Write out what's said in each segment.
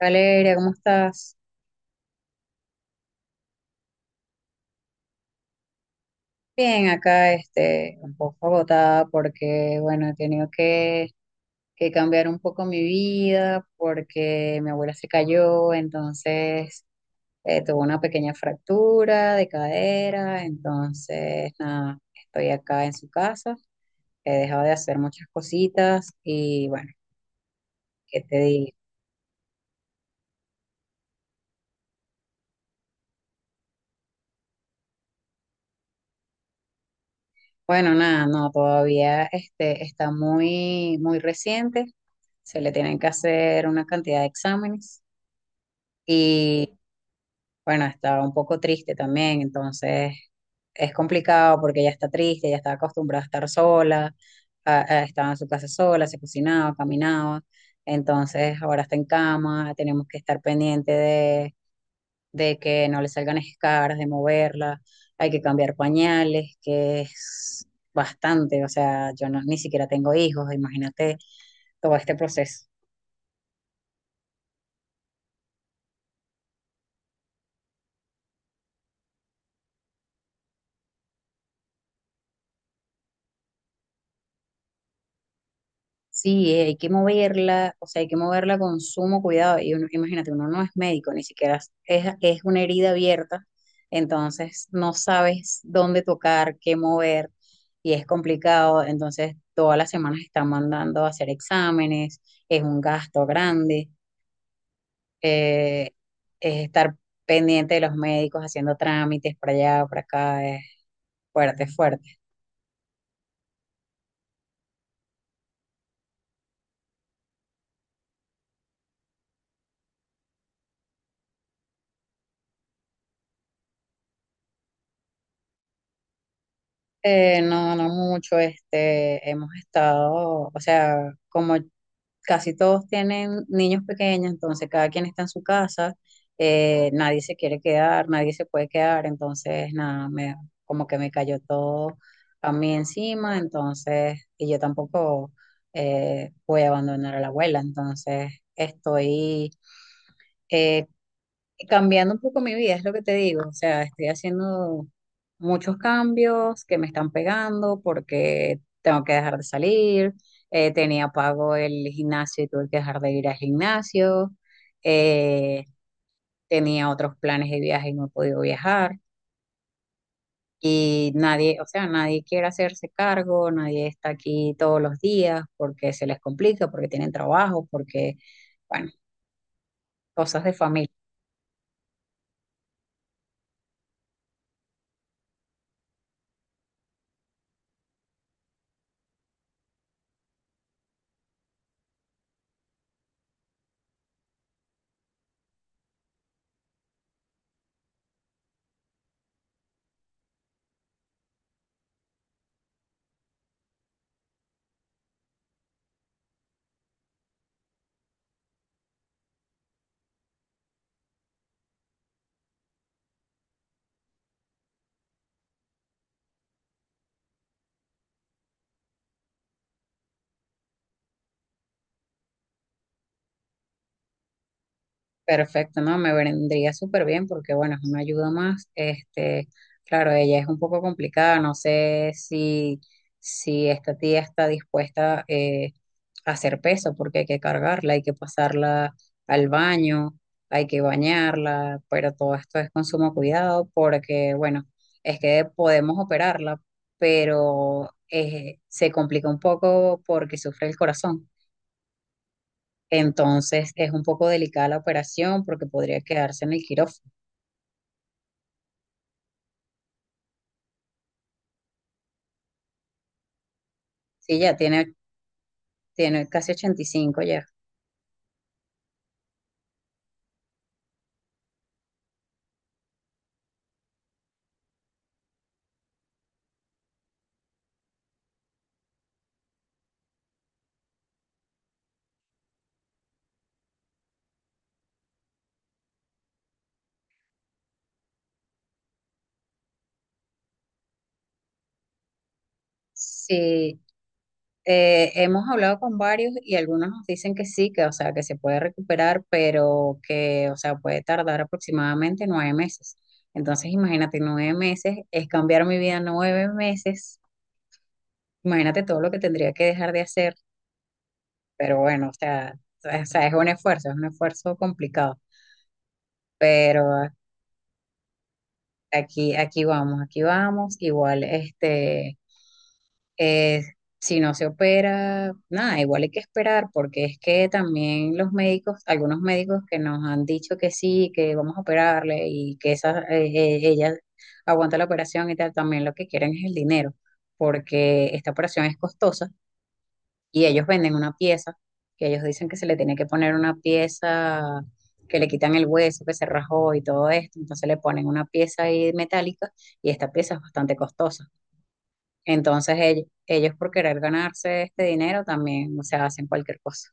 Valeria, ¿cómo estás? Bien, acá este, un poco agotada porque, bueno, he tenido que cambiar un poco mi vida porque mi abuela se cayó. Entonces tuvo una pequeña fractura de cadera, entonces nada, estoy acá en su casa, he dejado de hacer muchas cositas y bueno, ¿qué te digo? Bueno, nada, no, todavía este, está muy, muy reciente, se le tienen que hacer una cantidad de exámenes. Y bueno, estaba un poco triste también, entonces es complicado porque ella está triste, ella está acostumbrada a estar sola, estaba en su casa sola, se cocinaba, caminaba, entonces ahora está en cama, tenemos que estar pendiente de que no le salgan escaras, de moverla, hay que cambiar pañales, que es bastante, o sea, yo no- ni siquiera tengo hijos, imagínate todo este proceso. Sí, hay que moverla, o sea, hay que moverla con sumo cuidado. Y uno, imagínate, uno no es médico, ni siquiera es, es una herida abierta, entonces no sabes dónde tocar, qué mover, y es complicado. Entonces, todas las semanas están mandando a hacer exámenes, es un gasto grande, eh, es estar pendiente de los médicos haciendo trámites para allá, para acá, es fuerte. No, no mucho, este, hemos estado, o sea, como casi todos tienen niños pequeños, entonces cada quien está en su casa, nadie se quiere quedar, nadie se puede quedar, entonces nada, como que me cayó todo a mí encima. Entonces, y yo tampoco voy a abandonar a la abuela, entonces estoy eh, cambiando un poco mi vida, es lo que te digo. O sea, estoy haciendo muchos cambios que me están pegando porque tengo que dejar de salir. Tenía pago el gimnasio y tuve que dejar de ir al gimnasio. eh, Tenía otros planes de viaje y no he podido viajar. Y nadie, o sea, nadie quiere hacerse cargo, nadie está aquí todos los días porque se les complica, porque tienen trabajo, porque, bueno, cosas de familia. Perfecto, no, me vendría súper bien porque, bueno, es una ayuda más. Este, claro, ella es un poco complicada, no sé si, si esta tía está dispuesta a hacer peso porque hay que cargarla, hay que pasarla al baño, hay que bañarla, pero todo esto es con sumo cuidado porque, bueno, es que podemos operarla, pero se complica un poco porque sufre el corazón. Entonces es un poco delicada la operación porque podría quedarse en el quirófano. Sí, ya tiene casi 85 ya. Sí, hemos hablado con varios y algunos nos dicen que sí, que o sea, que se puede recuperar, pero que o sea, puede tardar aproximadamente 9 meses. Entonces imagínate, 9 meses es cambiar mi vida 9 meses. Imagínate todo lo que tendría que dejar de hacer, pero bueno, o sea, es un esfuerzo complicado, pero aquí vamos, aquí vamos. Igual, este, eh, si no se opera, nada, igual hay que esperar, porque es que también los médicos, algunos médicos que nos han dicho que sí, que vamos a operarle y que esa, ella aguanta la operación y tal, también lo que quieren es el dinero, porque esta operación es costosa y ellos venden una pieza, que ellos dicen que se le tiene que poner una pieza, que le quitan el hueso, que se rajó y todo esto, entonces le ponen una pieza ahí metálica y esta pieza es bastante costosa. Entonces ellos por querer ganarse este dinero también, o sea, hacen cualquier cosa.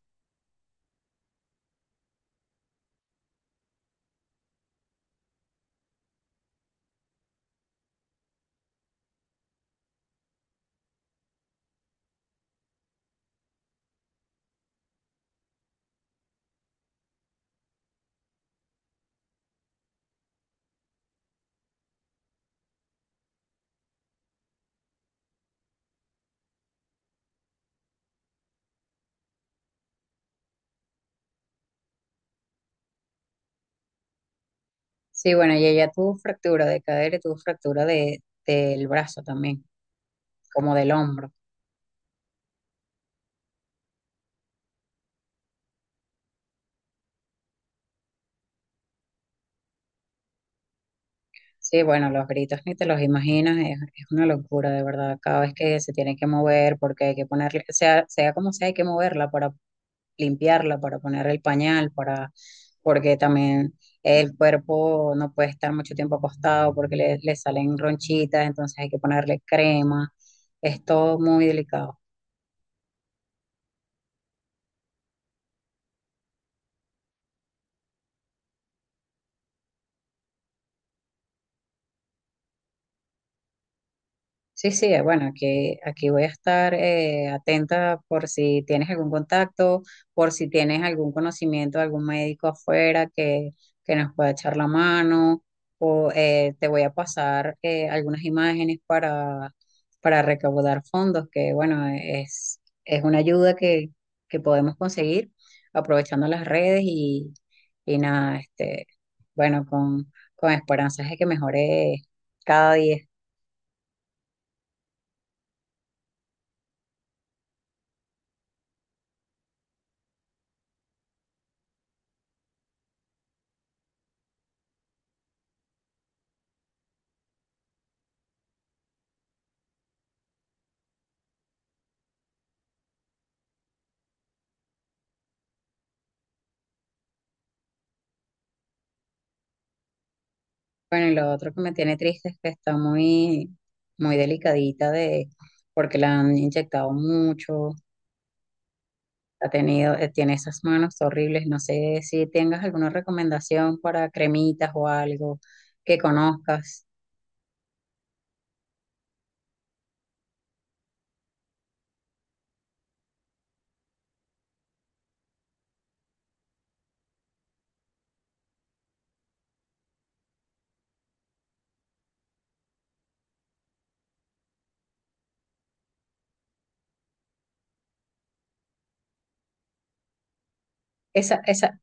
Sí, bueno, y ella tuvo fractura de cadera y tuvo fractura del brazo también, como del hombro. Sí, bueno, los gritos ni te los imaginas, es una locura, de verdad. Cada vez que se tiene que mover, porque hay que ponerle, sea, sea como sea, hay que moverla para limpiarla, para poner el pañal, para, porque también el cuerpo no puede estar mucho tiempo acostado porque le salen ronchitas, entonces hay que ponerle crema. Es todo muy delicado. Sí, sí, bueno, aquí voy a estar atenta por si tienes algún contacto, por si tienes algún conocimiento de algún médico afuera que nos pueda echar la mano, o te voy a pasar algunas imágenes para recaudar fondos, que bueno, es una ayuda que podemos conseguir aprovechando las redes y nada, este, bueno, con esperanzas de que mejore cada día. Bueno, y lo otro que me tiene triste es que está muy, muy delicadita de, porque la han inyectado mucho, ha tenido, tiene esas manos horribles. No sé si tengas alguna recomendación para cremitas o algo que conozcas. Esa, esa,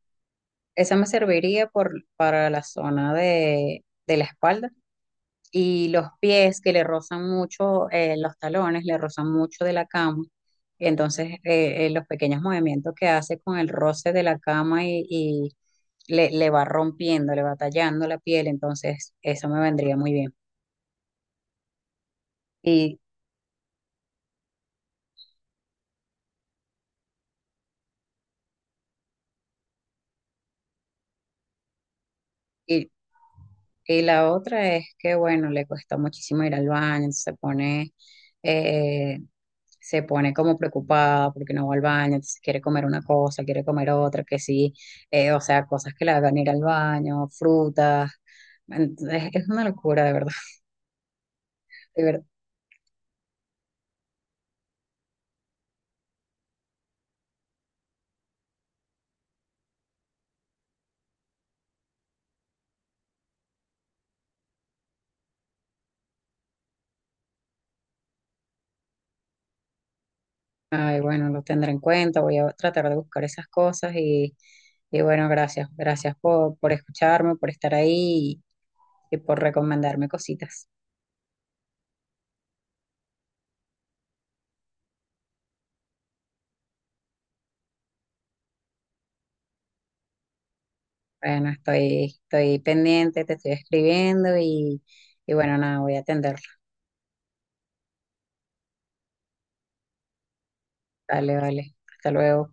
Esa me serviría por, para la zona de la espalda. Y los pies que le rozan mucho, los talones le rozan mucho de la cama. Y entonces los pequeños movimientos que hace con el roce de la cama y le va rompiendo, le va tallando la piel, entonces eso me vendría muy bien. Y, y la otra es que, bueno, le cuesta muchísimo ir al baño, eh, se pone como preocupada porque no va al baño, entonces quiere comer una cosa, quiere comer otra, que sí, o sea, cosas que le hagan ir al baño, frutas. Entonces, es una locura, de verdad, de verdad. Ay, bueno, lo tendré en cuenta, voy a tratar de buscar esas cosas y bueno, gracias, gracias por escucharme, por estar ahí y por recomendarme cositas. Bueno, estoy pendiente, te estoy escribiendo y bueno, nada, voy a atenderlo. Dale, vale. Hasta luego.